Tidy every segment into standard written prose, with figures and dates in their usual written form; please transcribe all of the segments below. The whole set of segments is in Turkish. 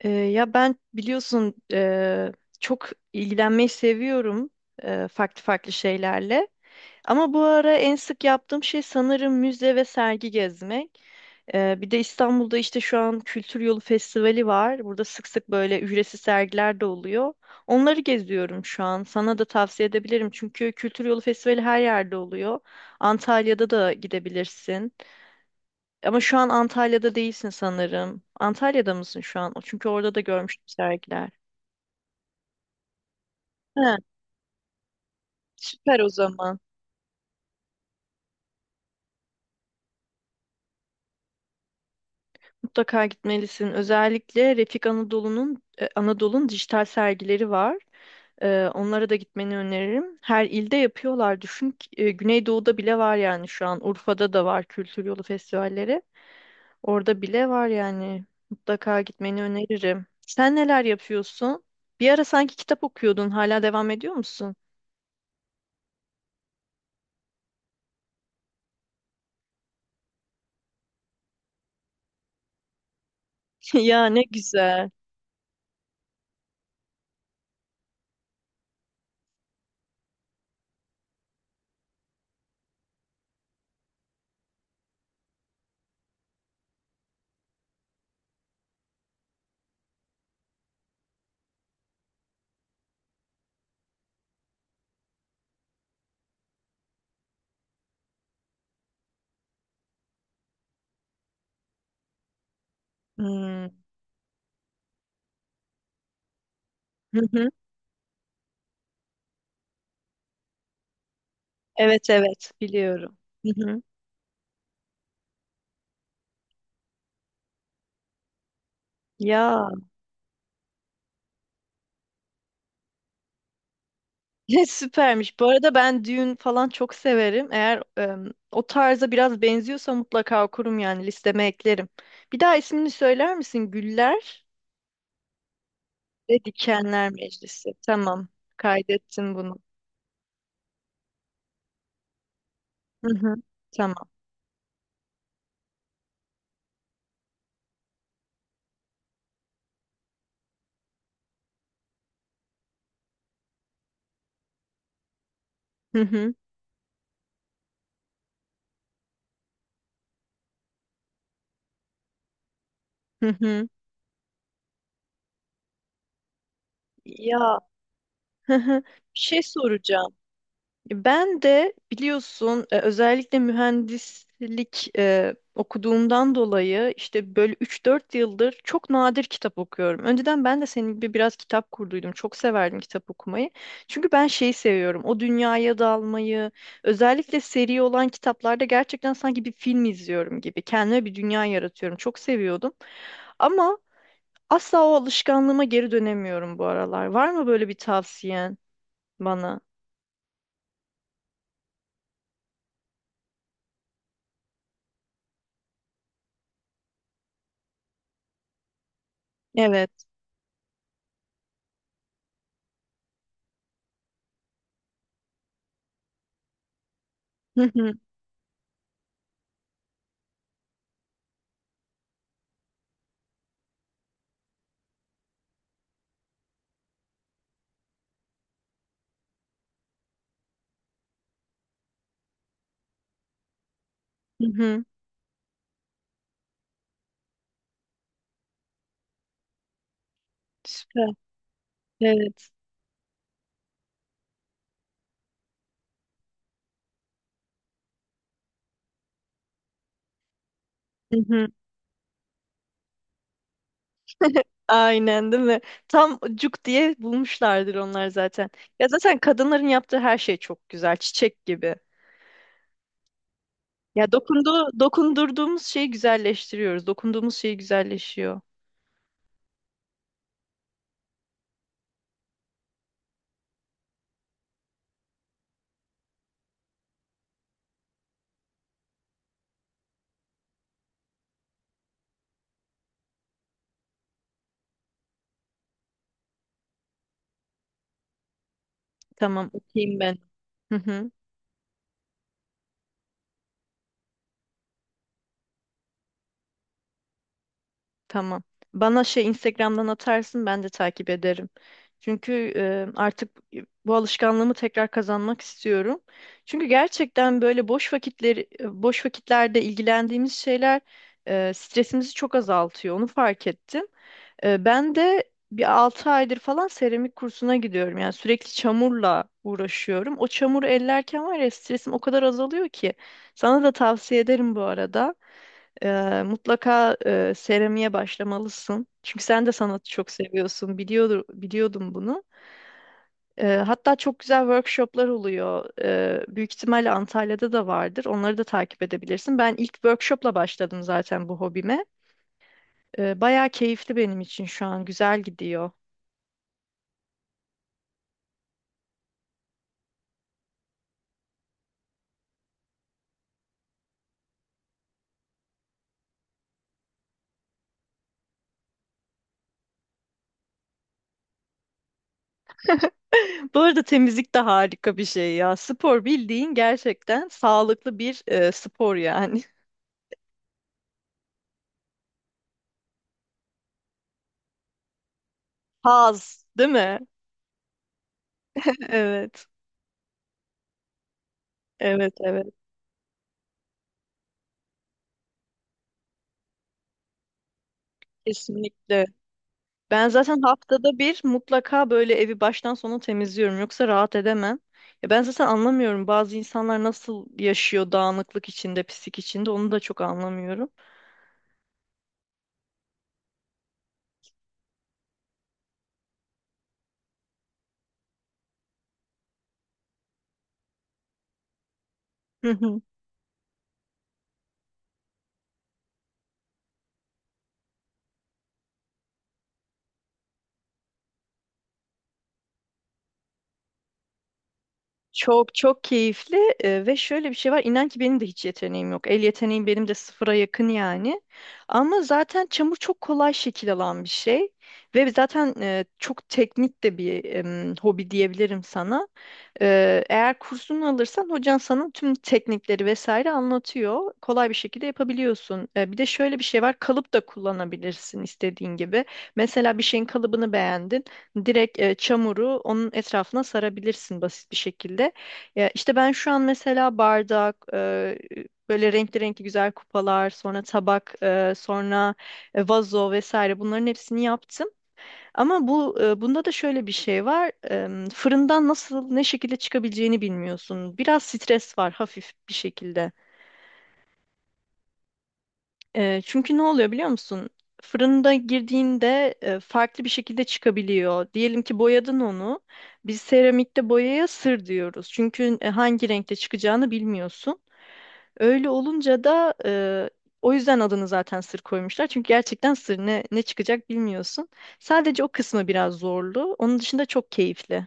Ya ben biliyorsun çok ilgilenmeyi seviyorum farklı farklı şeylerle. Ama bu ara en sık yaptığım şey sanırım müze ve sergi gezmek. Bir de İstanbul'da işte şu an Kültür Yolu Festivali var. Burada sık sık böyle ücretsiz sergiler de oluyor. Onları geziyorum şu an. Sana da tavsiye edebilirim çünkü Kültür Yolu Festivali her yerde oluyor. Antalya'da da gidebilirsin. Ama şu an Antalya'da değilsin sanırım. Antalya'da mısın şu an? Çünkü orada da görmüştüm sergiler. He, süper o zaman. Mutlaka gitmelisin. Özellikle Refik Anadolu'nun Anadolu'nun dijital sergileri var. Onlara da gitmeni öneririm. Her ilde yapıyorlar. Düşün ki, Güneydoğu'da bile var yani şu an. Urfa'da da var Kültür Yolu festivalleri. Orada bile var yani. Mutlaka gitmeni öneririm. Sen neler yapıyorsun? Bir ara sanki kitap okuyordun. Hala devam ediyor musun? Ya ne güzel. Hmm. Hı hı. Evet, evet, biliyorum. Hı hı. Ya ne süpermiş. Bu arada ben düğün falan çok severim. Eğer o tarza biraz benziyorsa mutlaka okurum yani listeme eklerim. Bir daha ismini söyler misin? Güller ve Dikenler Meclisi. Tamam. Kaydettim bunu. Hı hı. Tamam. Hı hı. Hı hı. Ya, hı hı. Bir şey soracağım. Ben de biliyorsun özellikle mühendislik okuduğumdan dolayı işte böyle 3-4 yıldır çok nadir kitap okuyorum. Önceden ben de senin gibi biraz kitap kurduydum. Çok severdim kitap okumayı. Çünkü ben şeyi seviyorum. O dünyaya dalmayı, özellikle seri olan kitaplarda gerçekten sanki bir film izliyorum gibi. Kendime bir dünya yaratıyorum. Çok seviyordum. Ama asla o alışkanlığıma geri dönemiyorum bu aralar. Var mı böyle bir tavsiyen bana? Evet. Süper. Evet. Hı hı. Aynen, değil mi? Tam cuk diye bulmuşlardır onlar zaten. Ya zaten kadınların yaptığı her şey çok güzel. Çiçek gibi. Ya dokundurduğumuz şeyi güzelleştiriyoruz. Dokunduğumuz şey güzelleşiyor. Tamam, okuyayım ben. Hı hı. Tamam. Bana şey Instagram'dan atarsın ben de takip ederim. Çünkü artık bu alışkanlığımı tekrar kazanmak istiyorum. Çünkü gerçekten böyle boş vakitlerde ilgilendiğimiz şeyler stresimizi çok azaltıyor. Onu fark ettim. Ben de bir 6 aydır falan seramik kursuna gidiyorum. Yani sürekli çamurla uğraşıyorum. O çamuru ellerken var ya stresim o kadar azalıyor ki. Sana da tavsiye ederim bu arada. Mutlaka seramiğe başlamalısın. Çünkü sen de sanatı çok seviyorsun. Biliyordum bunu. Hatta çok güzel workshoplar oluyor. Büyük ihtimalle Antalya'da da vardır. Onları da takip edebilirsin. Ben ilk workshopla başladım zaten bu hobime. Bayağı keyifli benim için şu an. Güzel gidiyor. Bu arada temizlik de harika bir şey ya. Spor bildiğin gerçekten sağlıklı bir spor yani. Haz, değil mi? Evet. Evet, evet. Kesinlikle. Ben zaten haftada bir mutlaka böyle evi baştan sona temizliyorum. Yoksa rahat edemem. Ya ben zaten anlamıyorum bazı insanlar nasıl yaşıyor dağınıklık içinde, pislik içinde onu da çok anlamıyorum. Çok çok keyifli ve şöyle bir şey var. İnan ki benim de hiç yeteneğim yok. El yeteneğim benim de sıfıra yakın yani. Ama zaten çamur çok kolay şekil alan bir şey. Ve zaten çok teknik de bir hobi diyebilirim sana. Eğer kursunu alırsan hocan sana tüm teknikleri vesaire anlatıyor. Kolay bir şekilde yapabiliyorsun. Bir de şöyle bir şey var. Kalıp da kullanabilirsin istediğin gibi. Mesela bir şeyin kalıbını beğendin. Direkt çamuru onun etrafına sarabilirsin basit bir şekilde. Ya işte ben şu an mesela böyle renkli renkli güzel kupalar, sonra sonra vazo vesaire bunların hepsini yaptım. Ama bunda da şöyle bir şey var. Fırından nasıl ne şekilde çıkabileceğini bilmiyorsun. Biraz stres var hafif bir şekilde. Çünkü ne oluyor biliyor musun? Fırında girdiğinde farklı bir şekilde çıkabiliyor. Diyelim ki boyadın onu. Biz seramikte boyaya sır diyoruz. Çünkü hangi renkte çıkacağını bilmiyorsun. Öyle olunca da o yüzden adını zaten sır koymuşlar. Çünkü gerçekten sır ne çıkacak bilmiyorsun. Sadece o kısmı biraz zorlu. Onun dışında çok keyifli.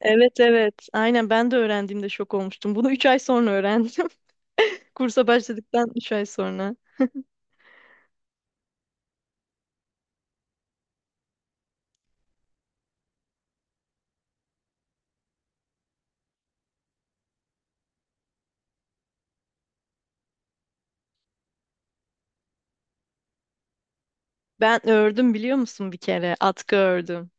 Evet, evet. Aynen, ben de öğrendiğimde şok olmuştum. Bunu 3 ay sonra öğrendim. Kursa başladıktan 3 ay sonra. Ben ördüm biliyor musun bir kere? Atkı ördüm.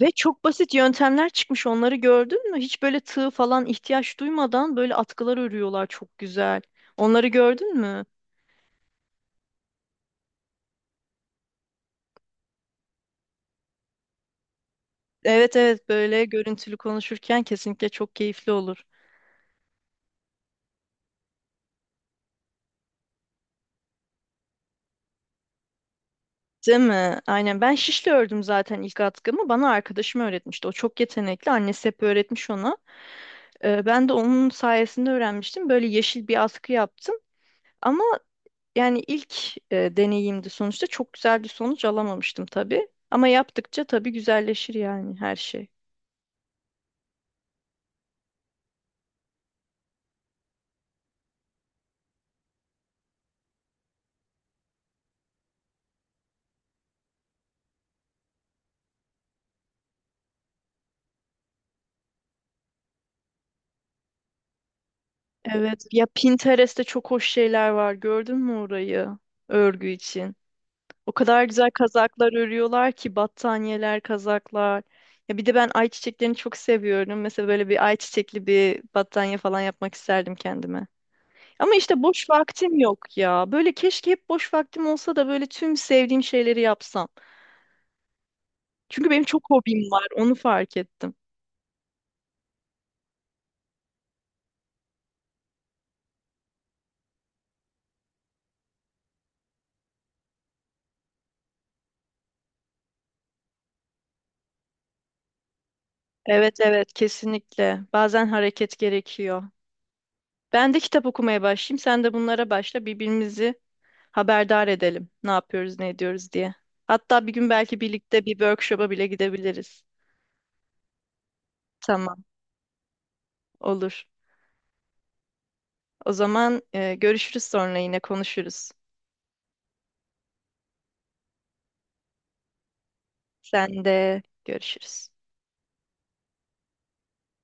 Ve çok basit yöntemler çıkmış onları gördün mü? Hiç böyle tığ falan ihtiyaç duymadan böyle atkılar örüyorlar çok güzel. Onları gördün mü? Evet, evet, böyle görüntülü konuşurken kesinlikle çok keyifli olur. Değil mi? Aynen, ben şişle ördüm zaten ilk atkımı. Bana arkadaşım öğretmişti. O çok yetenekli. Annesi hep öğretmiş ona. Ben de onun sayesinde öğrenmiştim. Böyle yeşil bir askı yaptım. Ama yani ilk deneyimdi sonuçta. Çok güzel bir sonuç alamamıştım tabii. Ama yaptıkça tabii güzelleşir yani her şey. Evet. Ya Pinterest'te çok hoş şeyler var. Gördün mü orayı? Örgü için. O kadar güzel kazaklar örüyorlar ki battaniyeler, kazaklar. Ya bir de ben ayçiçeklerini çok seviyorum. Mesela böyle bir ayçiçekli bir battaniye falan yapmak isterdim kendime. Ama işte boş vaktim yok ya. Böyle keşke hep boş vaktim olsa da böyle tüm sevdiğim şeyleri yapsam. Çünkü benim çok hobim var, onu fark ettim. Evet, evet, kesinlikle. Bazen hareket gerekiyor. Ben de kitap okumaya başlayayım. Sen de bunlara başla. Birbirimizi haberdar edelim. Ne yapıyoruz, ne ediyoruz diye. Hatta bir gün belki birlikte bir workshop'a bile gidebiliriz. Tamam, olur. O zaman görüşürüz sonra yine konuşuruz. Sen de görüşürüz.